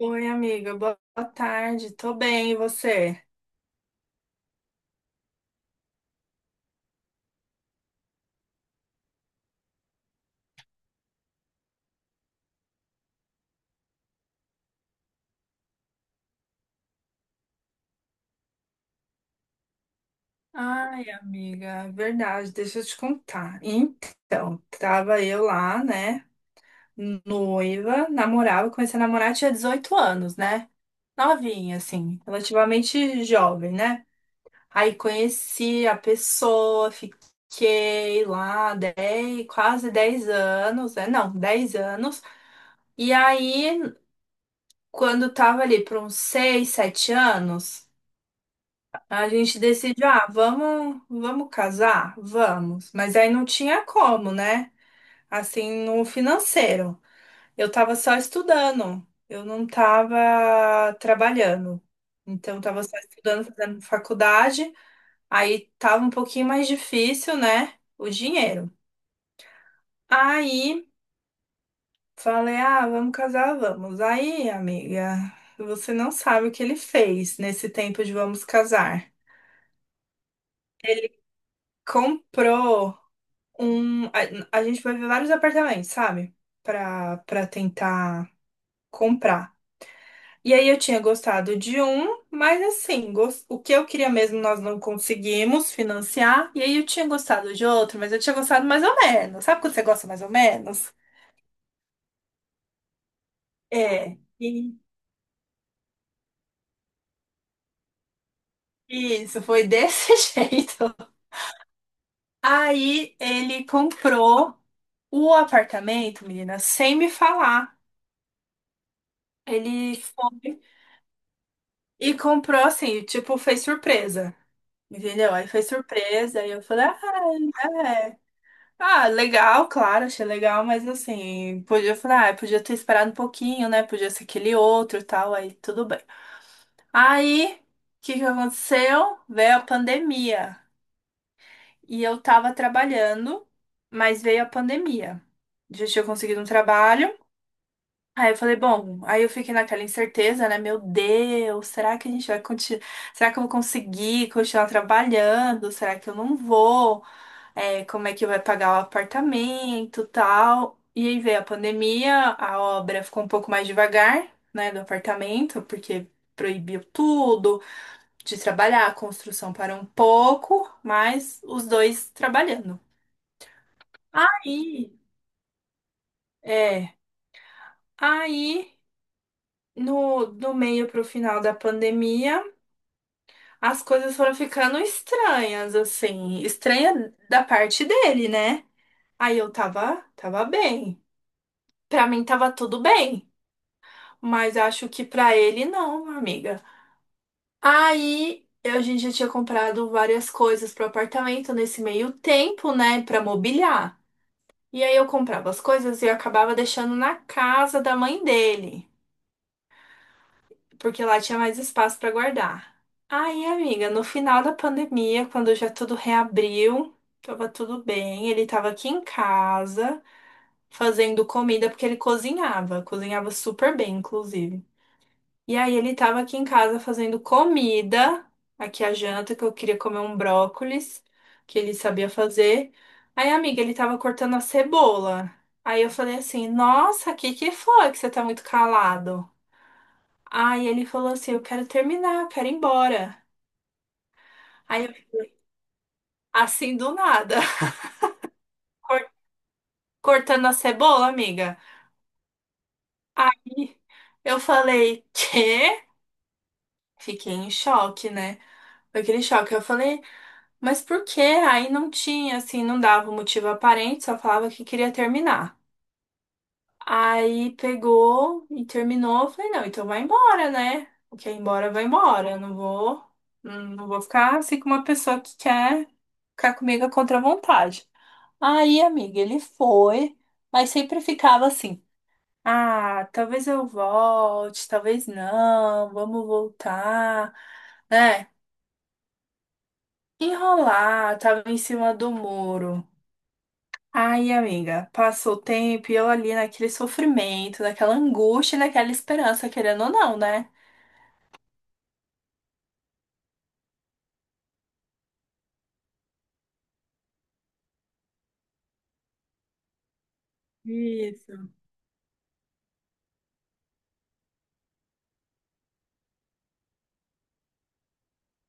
Oi, amiga, boa tarde. Tô bem, e você? Ai, amiga, é verdade, deixa eu te contar. Então, tava eu lá, né, noiva, namorava, comecei a namorar, tinha 18 anos, né? Novinha, assim, relativamente jovem, né? Aí conheci a pessoa, fiquei lá 10, quase 10 anos, né? Não, 10 anos. E aí, quando tava ali por uns 6, 7 anos. A gente decide, ah, vamos casar? Vamos. Mas aí não tinha como, né? Assim, no financeiro. Eu tava só estudando, eu não tava trabalhando. Então, eu tava só estudando, fazendo faculdade. Aí tava um pouquinho mais difícil, né? O dinheiro. Aí falei, ah, vamos casar, vamos. Aí, amiga, você não sabe o que ele fez nesse tempo de vamos casar. Comprou um. A gente foi ver vários apartamentos, sabe? Pra tentar comprar. E aí eu tinha gostado de um, mas assim, o que eu queria mesmo nós não conseguimos financiar. E aí eu tinha gostado de outro, mas eu tinha gostado mais ou menos. Sabe quando você gosta mais ou menos? É. E isso, foi desse jeito. Aí ele comprou o apartamento, menina, sem me falar. Ele foi e comprou assim, tipo, fez surpresa. Entendeu? Aí foi surpresa, aí eu falei, ah, é. Ah, legal, claro, achei legal, mas assim, podia, eu falei, ah, podia ter esperado um pouquinho, né? Podia ser aquele outro e tal, aí tudo bem. Aí, o que que aconteceu? Veio a pandemia. E eu tava trabalhando, mas veio a pandemia. Já tinha conseguido um trabalho. Aí eu falei, bom, aí eu fiquei naquela incerteza, né? Meu Deus, será que a gente vai continuar? Será que eu vou conseguir continuar trabalhando? Será que eu não vou? É, como é que vai pagar o apartamento, tal. E aí veio a pandemia, a obra ficou um pouco mais devagar, né, do apartamento, porque proibiu tudo de trabalhar, a construção parou um pouco, mas os dois trabalhando. Aí, é, aí no do meio pro final da pandemia, as coisas foram ficando estranhas, assim, estranha da parte dele, né? Aí eu tava bem. Pra mim tava tudo bem. Mas acho que pra ele não, amiga. Aí eu- a gente já tinha comprado várias coisas pro apartamento nesse meio tempo, né, pra mobiliar. E aí eu comprava as coisas e eu acabava deixando na casa da mãe dele, porque lá tinha mais espaço pra guardar. Aí, amiga, no final da pandemia, quando já tudo reabriu, tava tudo bem, ele tava aqui em casa fazendo comida porque ele cozinhava, cozinhava super bem, inclusive. E aí ele tava aqui em casa fazendo comida, aqui a janta, que eu queria comer um brócolis, que ele sabia fazer. Aí, amiga, ele tava cortando a cebola. Aí eu falei assim, nossa, o que que foi que você tá muito calado? Aí ele falou assim, eu quero terminar, eu quero ir embora. Aí eu falei, assim do nada, cor- cortando a cebola, amiga. Aí eu falei, quê? Fiquei em choque, né? Foi aquele choque. Eu falei, mas por quê? Aí não tinha, assim, não dava um motivo aparente, só falava que queria terminar. Aí pegou e terminou. Eu falei, não, então vai embora, né? O que é embora, vai embora. Eu não vou, não vou ficar assim com uma pessoa que quer ficar comigo contra a vontade. Aí, amiga, ele foi, mas sempre ficava assim. Ah, talvez eu volte, talvez não, vamos voltar, né? Enrolar, tava em cima do muro. Ai, amiga, passou o tempo e eu ali naquele sofrimento, naquela angústia, e naquela esperança, querendo ou não, né? Isso.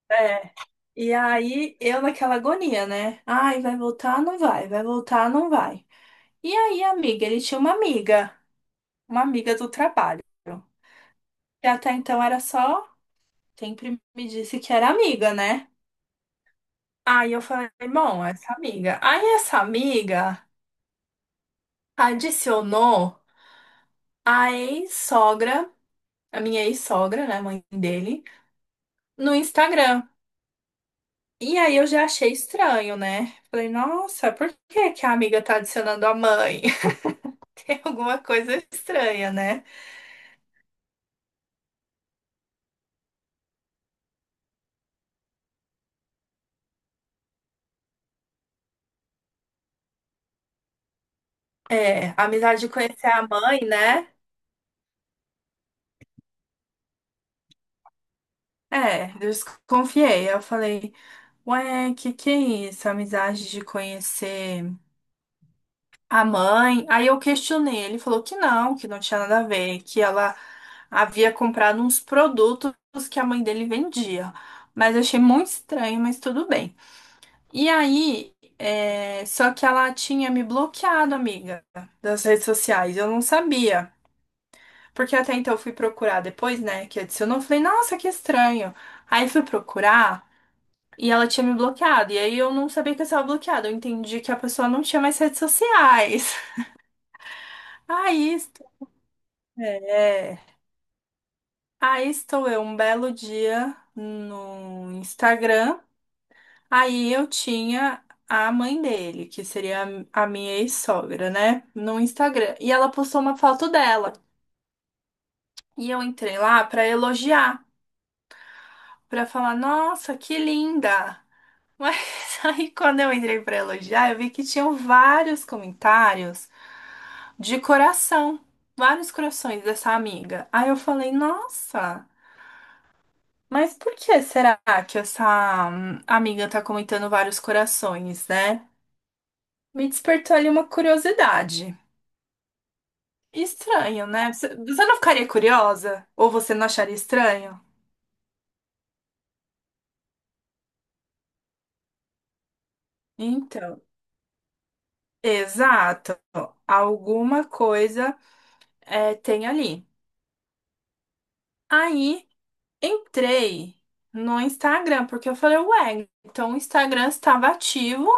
É. E aí eu naquela agonia, né? Ai, vai voltar, não vai, vai voltar, não vai. E aí, amiga, ele tinha uma amiga do trabalho, que até então era só, sempre me disse que era amiga, né? Aí eu falei, bom, essa amiga. Aí essa amiga adicionou a ex-sogra, a minha ex-sogra, né, mãe dele, no Instagram. E aí eu já achei estranho, né? Falei, nossa, por que que a amiga tá adicionando a mãe? Tem alguma coisa estranha, né? É, a amizade de conhecer a mãe, né? É, eu desconfiei. Eu falei, ué, que é isso? Amizade de conhecer a mãe? Aí eu questionei. Ele falou que não tinha nada a ver, que ela havia comprado uns produtos que a mãe dele vendia. Mas eu achei muito estranho, mas tudo bem. E aí, é, só que ela tinha me bloqueado, amiga, das redes sociais. Eu não sabia. Porque até então eu fui procurar depois, né, que adicionou. Eu falei, nossa, que estranho. Aí fui procurar e ela tinha me bloqueado. E aí eu não sabia que eu estava bloqueada. Eu entendi que a pessoa não tinha mais redes sociais. Aí, é, aí estou eu um belo dia no Instagram. Aí eu tinha a mãe dele, que seria a minha ex-sogra, né? No Instagram. E ela postou uma foto dela. E eu entrei lá pra elogiar, pra falar, nossa, que linda! Mas aí quando eu entrei pra elogiar, eu vi que tinham vários comentários de coração, vários corações dessa amiga. Aí eu falei, nossa, mas por que será que essa amiga tá comentando vários corações, né? Me despertou ali uma curiosidade. Estranho, né? Você não ficaria curiosa? Ou você não acharia estranho? Então, exato. Alguma coisa é, tem ali. Aí entrei no Instagram, porque eu falei, ué, então o Instagram estava ativo.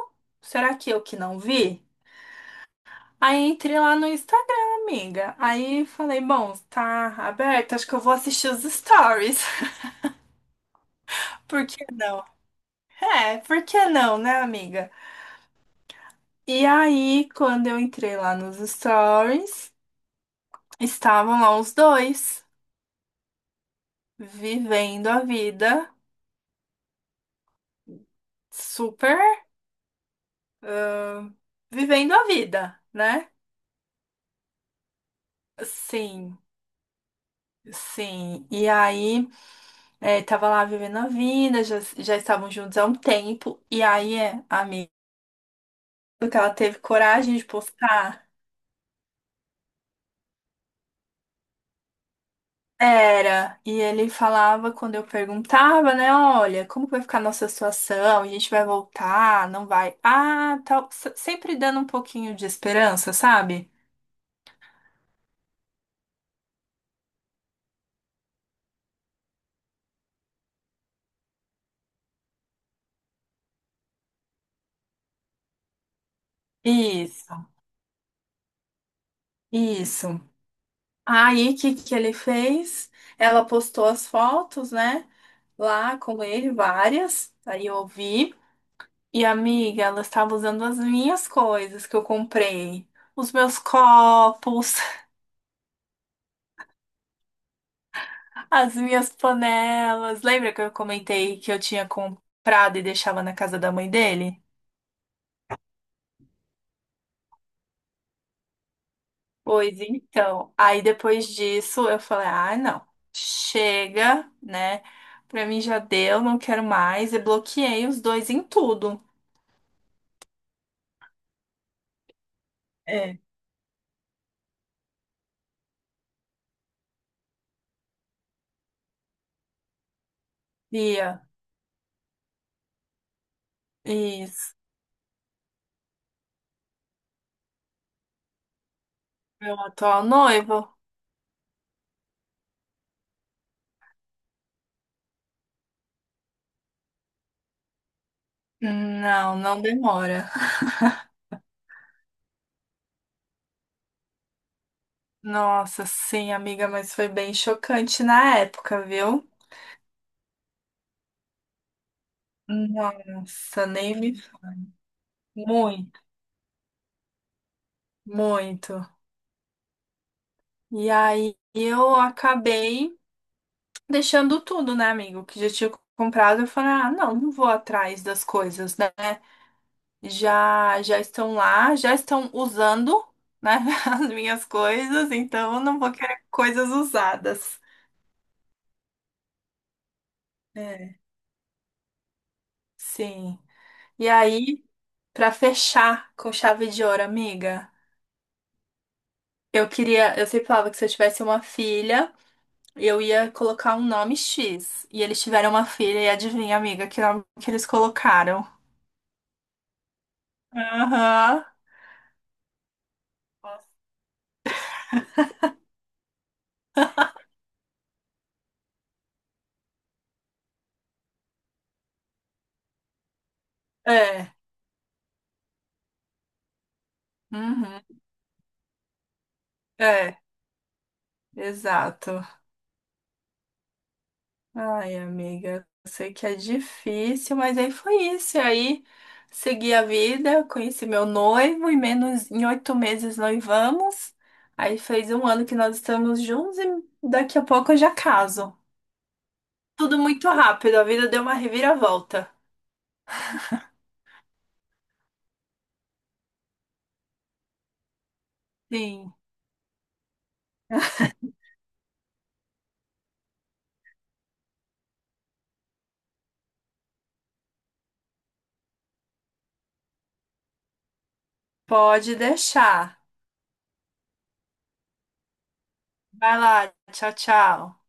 Será que eu que não vi? Aí entrei lá no Instagram, amiga. Aí falei, bom, tá aberto, acho que eu vou assistir os stories. Por que não? É, por que não, né, amiga? E aí, quando eu entrei lá nos stories, estavam lá os dois, vivendo a vida, super, ah, vivendo a vida, né? Sim, sim. E aí, tava lá vivendo a vida, já, já estavam juntos há um tempo, e aí, é, a amiga, que ela teve coragem de postar. Era, e ele falava quando eu perguntava, né? Olha, como vai ficar a nossa situação? A gente vai voltar? Não vai? Ah, tal. Sempre dando um pouquinho de esperança, sabe? Isso, isso. Aí, o que que ele fez? Ela postou as fotos, né? Lá com ele, várias. Aí eu vi. E, amiga, ela estava usando as minhas coisas que eu comprei. Os meus copos. As minhas panelas. Lembra que eu comentei que eu tinha comprado e deixava na casa da mãe dele? Pois então. Aí depois disso eu falei: ah, não, chega, né? Pra mim já deu, não quero mais. E bloqueei os dois em tudo. É. Bia, isso. Meu atual noivo? Não, não demora. Nossa, sim, amiga, mas foi bem chocante na época, viu? Nossa, nem me. Muito, muito. E aí eu acabei deixando tudo, né, amigo? Que já tinha comprado. Eu falei, ah, não, não vou atrás das coisas, né? Já, já estão lá, já estão usando, né, as minhas coisas, então eu não vou querer coisas usadas. É, sim. E aí, pra fechar com chave de ouro, amiga, eu queria, eu sempre falava que se eu tivesse uma filha, eu ia colocar um nome X. E eles tiveram uma filha, e adivinha, amiga, que nome que eles colocaram? Aham. É. Uhum. É, exato. Ai, amiga, eu sei que é difícil, mas aí foi isso. E aí segui a vida, conheci meu noivo, e menos em 8 meses noivamos. Aí fez um ano que nós estamos juntos e daqui a pouco eu já caso. Tudo muito rápido, a vida deu uma reviravolta. Sim, pode deixar. Vai lá, tchau, tchau.